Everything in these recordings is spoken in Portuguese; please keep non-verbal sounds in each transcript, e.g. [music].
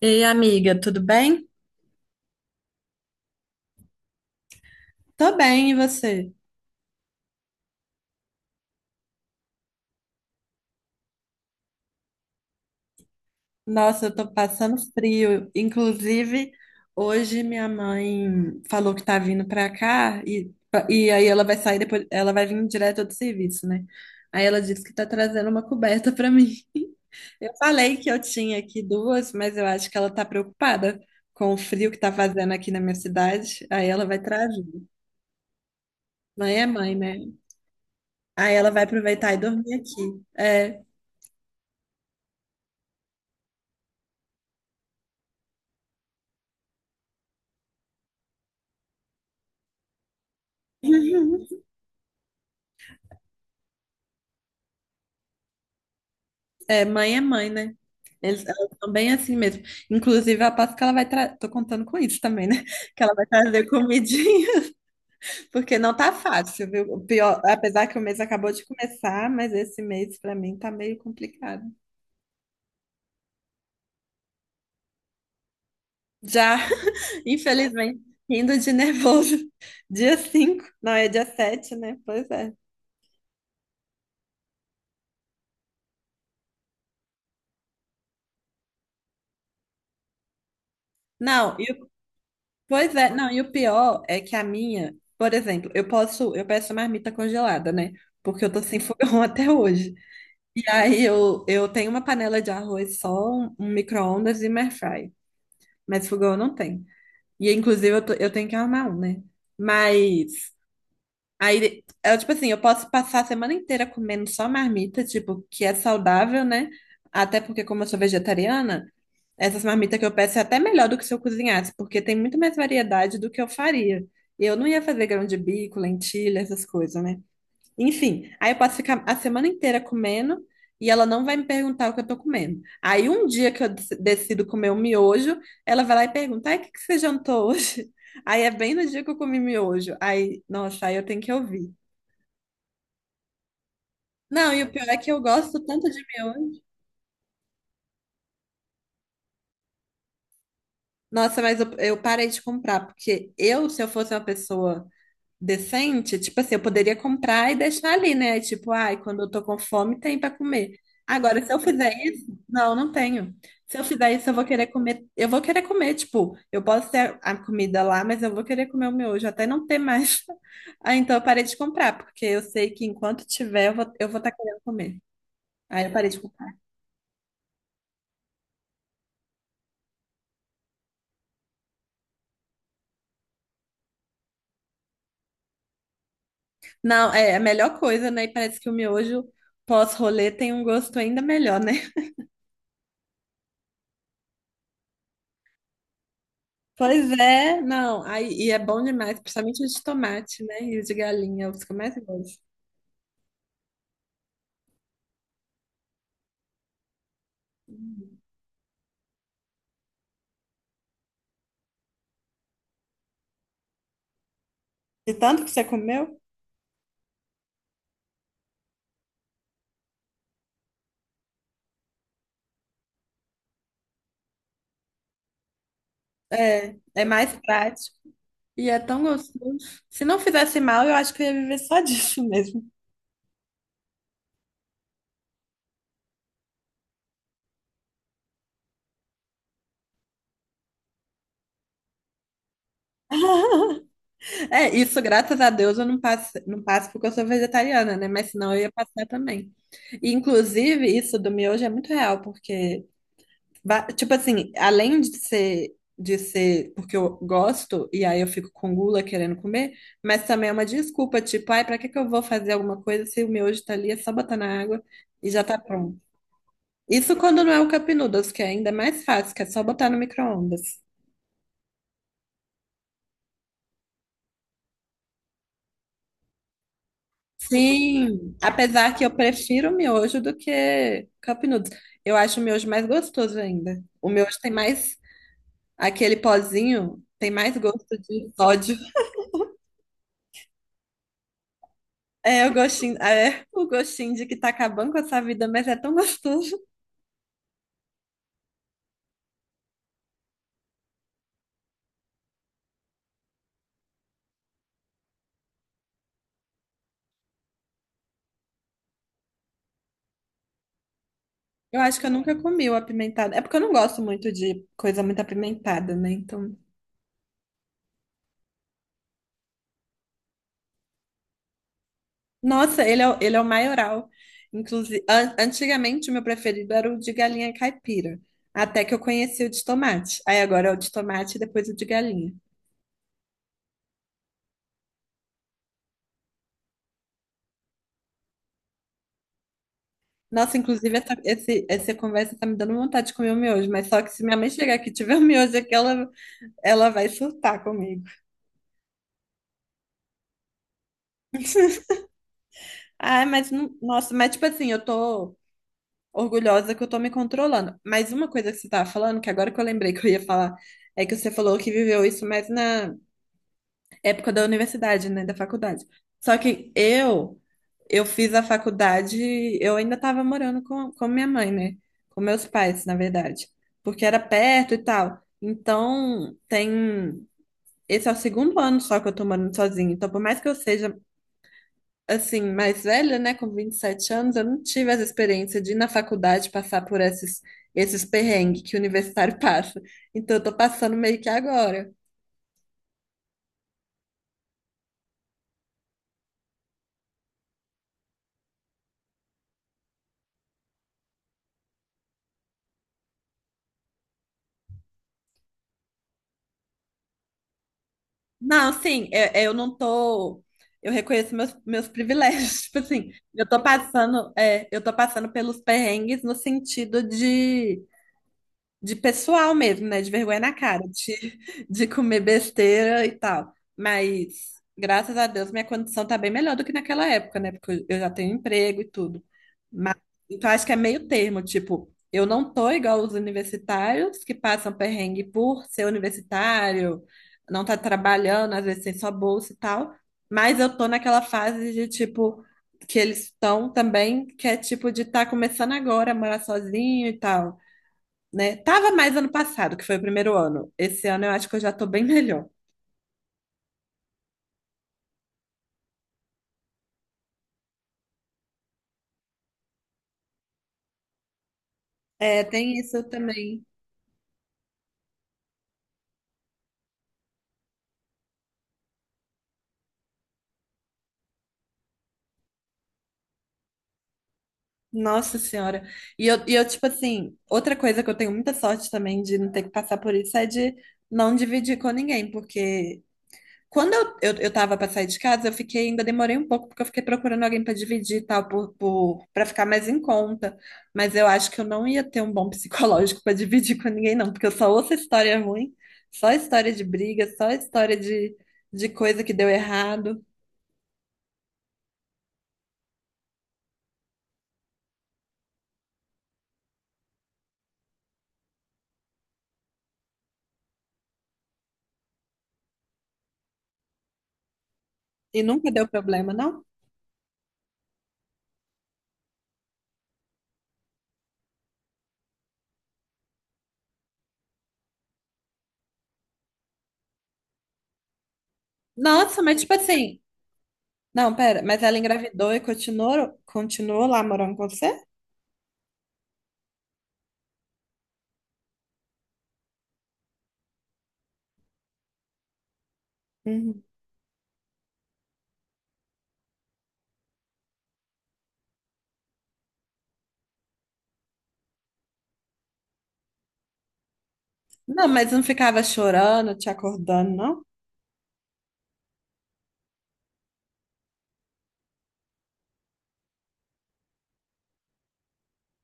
Ei, amiga, tudo bem? Tô bem, e você? Nossa, eu tô passando frio. Inclusive, hoje minha mãe falou que tá vindo pra cá e aí ela vai sair depois, ela vai vir direto do serviço, né? Aí ela disse que tá trazendo uma coberta pra mim. [laughs] Eu falei que eu tinha aqui duas, mas eu acho que ela tá preocupada com o frio que tá fazendo aqui na minha cidade. Aí ela vai trazer. Mãe é mãe, né? Aí ela vai aproveitar e dormir aqui. É. [laughs] É mãe, né? Elas são bem assim mesmo. Inclusive, eu aposto que ela vai trazer. Tô contando com isso também, né? [laughs] Que ela vai trazer comidinha, [laughs] porque não tá fácil, viu? O pior, apesar que o mês acabou de começar, mas esse mês pra mim tá meio complicado. Já, [laughs] infelizmente, indo de nervoso. [laughs] Dia 5? Não é dia 7, né? Pois é. Não, e o- Pois é, não, e o pior é que a minha, por exemplo, eu peço marmita congelada, né? Porque eu tô sem fogão [laughs] até hoje. E aí eu tenho uma panela de arroz só, um micro-ondas e uma airfry. Mas fogão eu não tenho. E inclusive eu tenho que arrumar um, né? Mas aí, eu, tipo assim, eu posso passar a semana inteira comendo só marmita, tipo, que é saudável, né? Até porque como eu sou vegetariana, essas marmitas que eu peço é até melhor do que se eu cozinhasse, porque tem muito mais variedade do que eu faria. E eu não ia fazer grão de bico, lentilha, essas coisas, né? Enfim, aí eu posso ficar a semana inteira comendo e ela não vai me perguntar o que eu tô comendo. Aí um dia que eu decido comer um miojo, ela vai lá e pergunta: ai, o que que você jantou hoje? [laughs] Aí é bem no dia que eu comi miojo. Aí, nossa, aí eu tenho que ouvir. Não, e o pior é que eu gosto tanto de miojo. Nossa, mas eu parei de comprar, porque eu, se eu fosse uma pessoa decente, tipo assim, eu poderia comprar e deixar ali, né? Tipo, ai, quando eu tô com fome, tem pra comer. Agora, se eu fizer isso, não tenho. Se eu fizer isso, eu vou querer comer, eu vou querer comer, tipo, eu posso ter a comida lá, mas eu vou querer comer o miojo até não ter mais. [laughs] Ah, então eu parei de comprar, porque eu sei que enquanto tiver, eu vou estar querendo comer. Aí eu parei de comprar. Não, é a melhor coisa, né? E parece que o miojo pós-rolê tem um gosto ainda melhor, né? Pois é, não. Aí, e é bom demais, principalmente os de tomate, né? E os de galinha, os que eu mais gosto. De tanto que você comeu, é, é mais prático. E é tão gostoso. Se não fizesse mal, eu acho que eu ia viver só disso mesmo. [laughs] É, isso, graças a Deus, eu não passo, não passo porque eu sou vegetariana, né? Mas senão eu ia passar também. E, inclusive, isso do miojo é muito real, porque tipo assim, além de ser porque eu gosto e aí eu fico com gula querendo comer, mas também é uma desculpa, tipo, ai, pra que que eu vou fazer alguma coisa se o miojo tá ali, é só botar na água e já tá pronto. Isso quando não é o Cup Noodles, que é ainda mais fácil, que é só botar no micro-ondas. Sim, apesar que eu prefiro o miojo do que Cup Noodles. Eu acho o miojo mais gostoso ainda. O miojo tem mais, aquele pozinho, tem mais gosto de sódio. É o gostinho, é [laughs] o gostinho de que tá acabando com essa vida, mas é tão gostoso. Eu acho que eu nunca comi o apimentado. É porque eu não gosto muito de coisa muito apimentada, né? Então, nossa, ele é o maioral. Inclusive, antigamente o meu preferido era o de galinha caipira, até que eu conheci o de tomate. Aí agora é o de tomate e depois o de galinha. Nossa, inclusive essa conversa tá me dando vontade de comer o miojo, mas só que se minha mãe chegar aqui e tiver o miojo aqui, ela vai surtar comigo. [laughs] Ah, mas não, nossa, mas tipo assim, eu tô orgulhosa que eu tô me controlando. Mas uma coisa que você tava falando, que agora que eu lembrei que eu ia falar, é que você falou que viveu isso mais na época da universidade, né, da faculdade. Só que eu fiz a faculdade, eu ainda tava morando com minha mãe, né? Com meus pais, na verdade, porque era perto e tal. Então, tem Esse é o segundo ano só que eu tô morando sozinha. Então, por mais que eu seja assim, mais velha, né, com 27 anos, eu não tive essa experiência de ir na faculdade passar por esses perrengues que o universitário [laughs] passa. Então, eu tô passando meio que agora. Não, sim, eu não tô. Eu reconheço meus privilégios. [laughs] Tipo assim, eu tô passando pelos perrengues no sentido de pessoal mesmo, né? De vergonha na cara, de, [laughs] de comer besteira e tal. Mas, graças a Deus, minha condição tá bem melhor do que naquela época, né? Porque eu já tenho emprego e tudo. Mas, então, acho que é meio termo, tipo, eu não tô igual os universitários que passam perrengue por ser universitário, não tá trabalhando, às vezes tem só bolsa e tal. Mas eu tô naquela fase de, tipo, que eles estão também, que é tipo de estar começando agora a morar sozinho e tal né? Tava mais ano passado, que foi o primeiro ano. Esse ano eu acho que eu já tô bem melhor. É, tem isso também. Nossa Senhora. E eu, tipo assim, outra coisa que eu tenho muita sorte também de não ter que passar por isso é de não dividir com ninguém, porque quando eu tava para sair de casa, eu fiquei, ainda demorei um pouco, porque eu fiquei procurando alguém para dividir e tal, para ficar mais em conta. Mas eu acho que eu não ia ter um bom [laughs] psicológico para dividir com ninguém, não, porque eu só ouço história ruim, só história de briga, só história de coisa que deu errado. E nunca deu problema, não? Nossa, mas tipo assim, não, pera, mas ela engravidou e continuou lá morando com você? Uhum. Não, mas não ficava chorando, te acordando, não?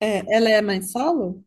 É, ela é mãe solo?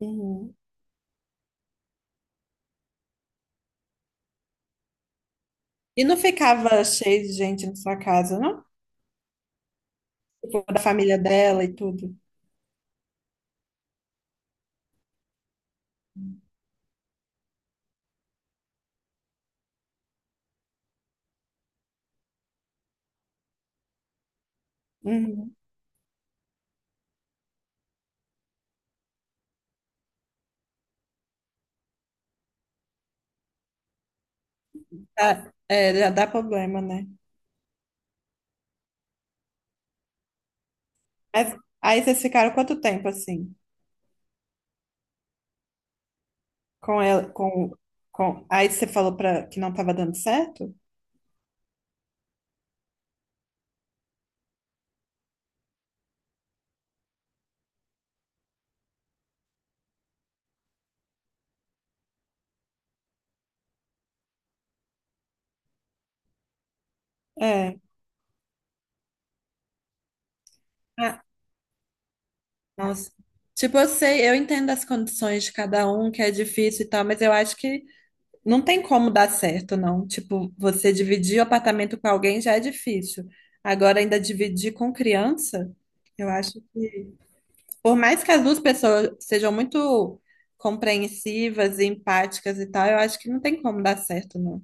Uhum. E não ficava cheio de gente na sua casa, não? Tipo, da família dela e tudo. Uhum. Tá, é, já dá problema, né? Mas aí vocês ficaram quanto tempo assim? Com ela, com... Aí você falou para que não estava dando certo? É. Ah, nossa. Tipo, eu sei, eu entendo as condições de cada um, que é difícil e tal, mas eu acho que não tem como dar certo, não. Tipo, você dividir o apartamento com alguém já é difícil. Agora, ainda dividir com criança, eu acho que, por mais que as duas pessoas sejam muito compreensivas e empáticas e tal, eu acho que não tem como dar certo, não.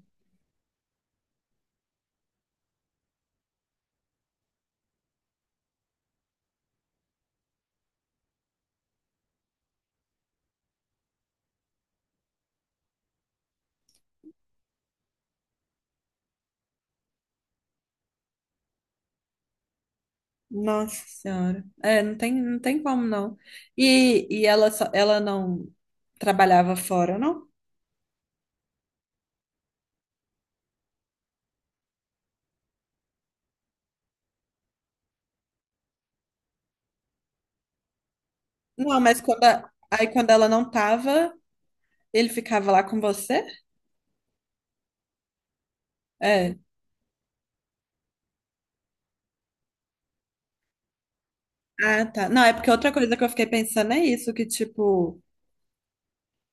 Nossa Senhora. É, não tem, não tem como, não. E, ela, só, ela não trabalhava fora, não? Não, mas quando aí quando ela não tava, ele ficava lá com você? É. Ah, tá. Não, é porque outra coisa que eu fiquei pensando é isso, que tipo,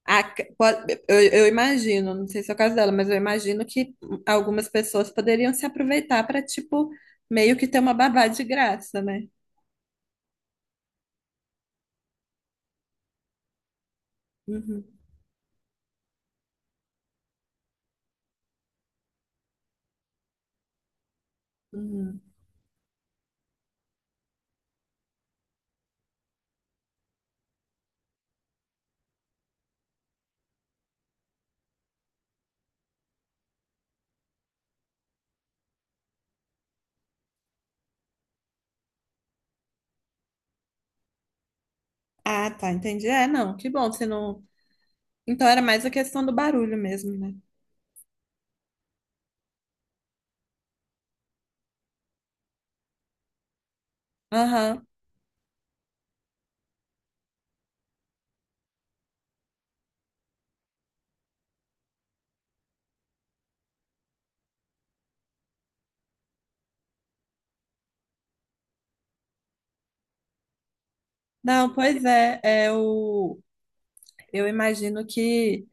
a, eu imagino, não sei se é o caso dela, mas eu imagino que algumas pessoas poderiam se aproveitar para tipo, meio que ter uma babá de graça, né? Uhum, uhum. Ah, tá, entendi. É, não, que bom, se não. Então era mais a questão do barulho mesmo, né? Aham. Não, pois é, é o... eu imagino que.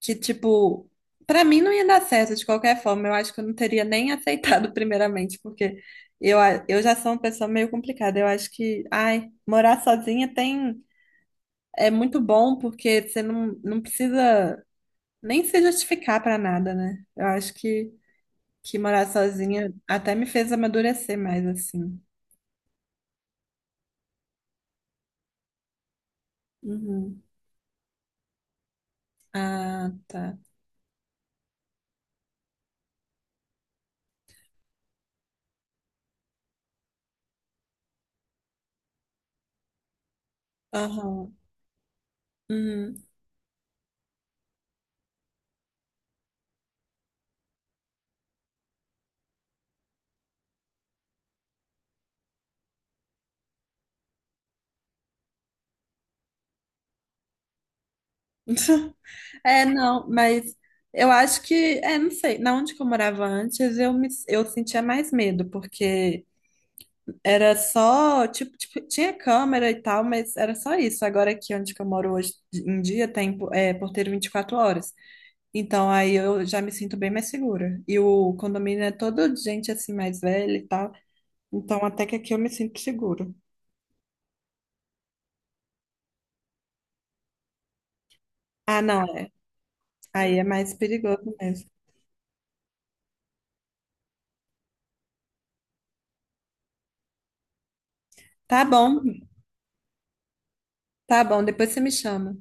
Que, tipo, pra mim não ia dar certo de qualquer forma. Eu acho que eu não teria nem aceitado [laughs] primeiramente, porque eu já sou uma pessoa meio complicada. Eu acho que, ai, morar é muito bom, porque você não, não precisa nem se justificar pra nada, né? Eu acho que morar sozinha até me fez amadurecer mais, assim. Uhum. Ah, tá. Aham. Uhum. [laughs] É, não, mas eu acho que, é, não sei, na onde que eu morava antes, eu sentia mais medo, porque era só, tipo, tipo, tinha câmera e tal, mas era só isso. Agora aqui onde que eu moro hoje em dia tem porteiro 24 horas. Então aí eu já me sinto bem mais segura. E o condomínio é todo de gente assim mais velha e tal. Então até que aqui eu me sinto seguro. Ah, não, é. Aí é mais perigoso mesmo. Tá bom, tá bom, depois você me chama.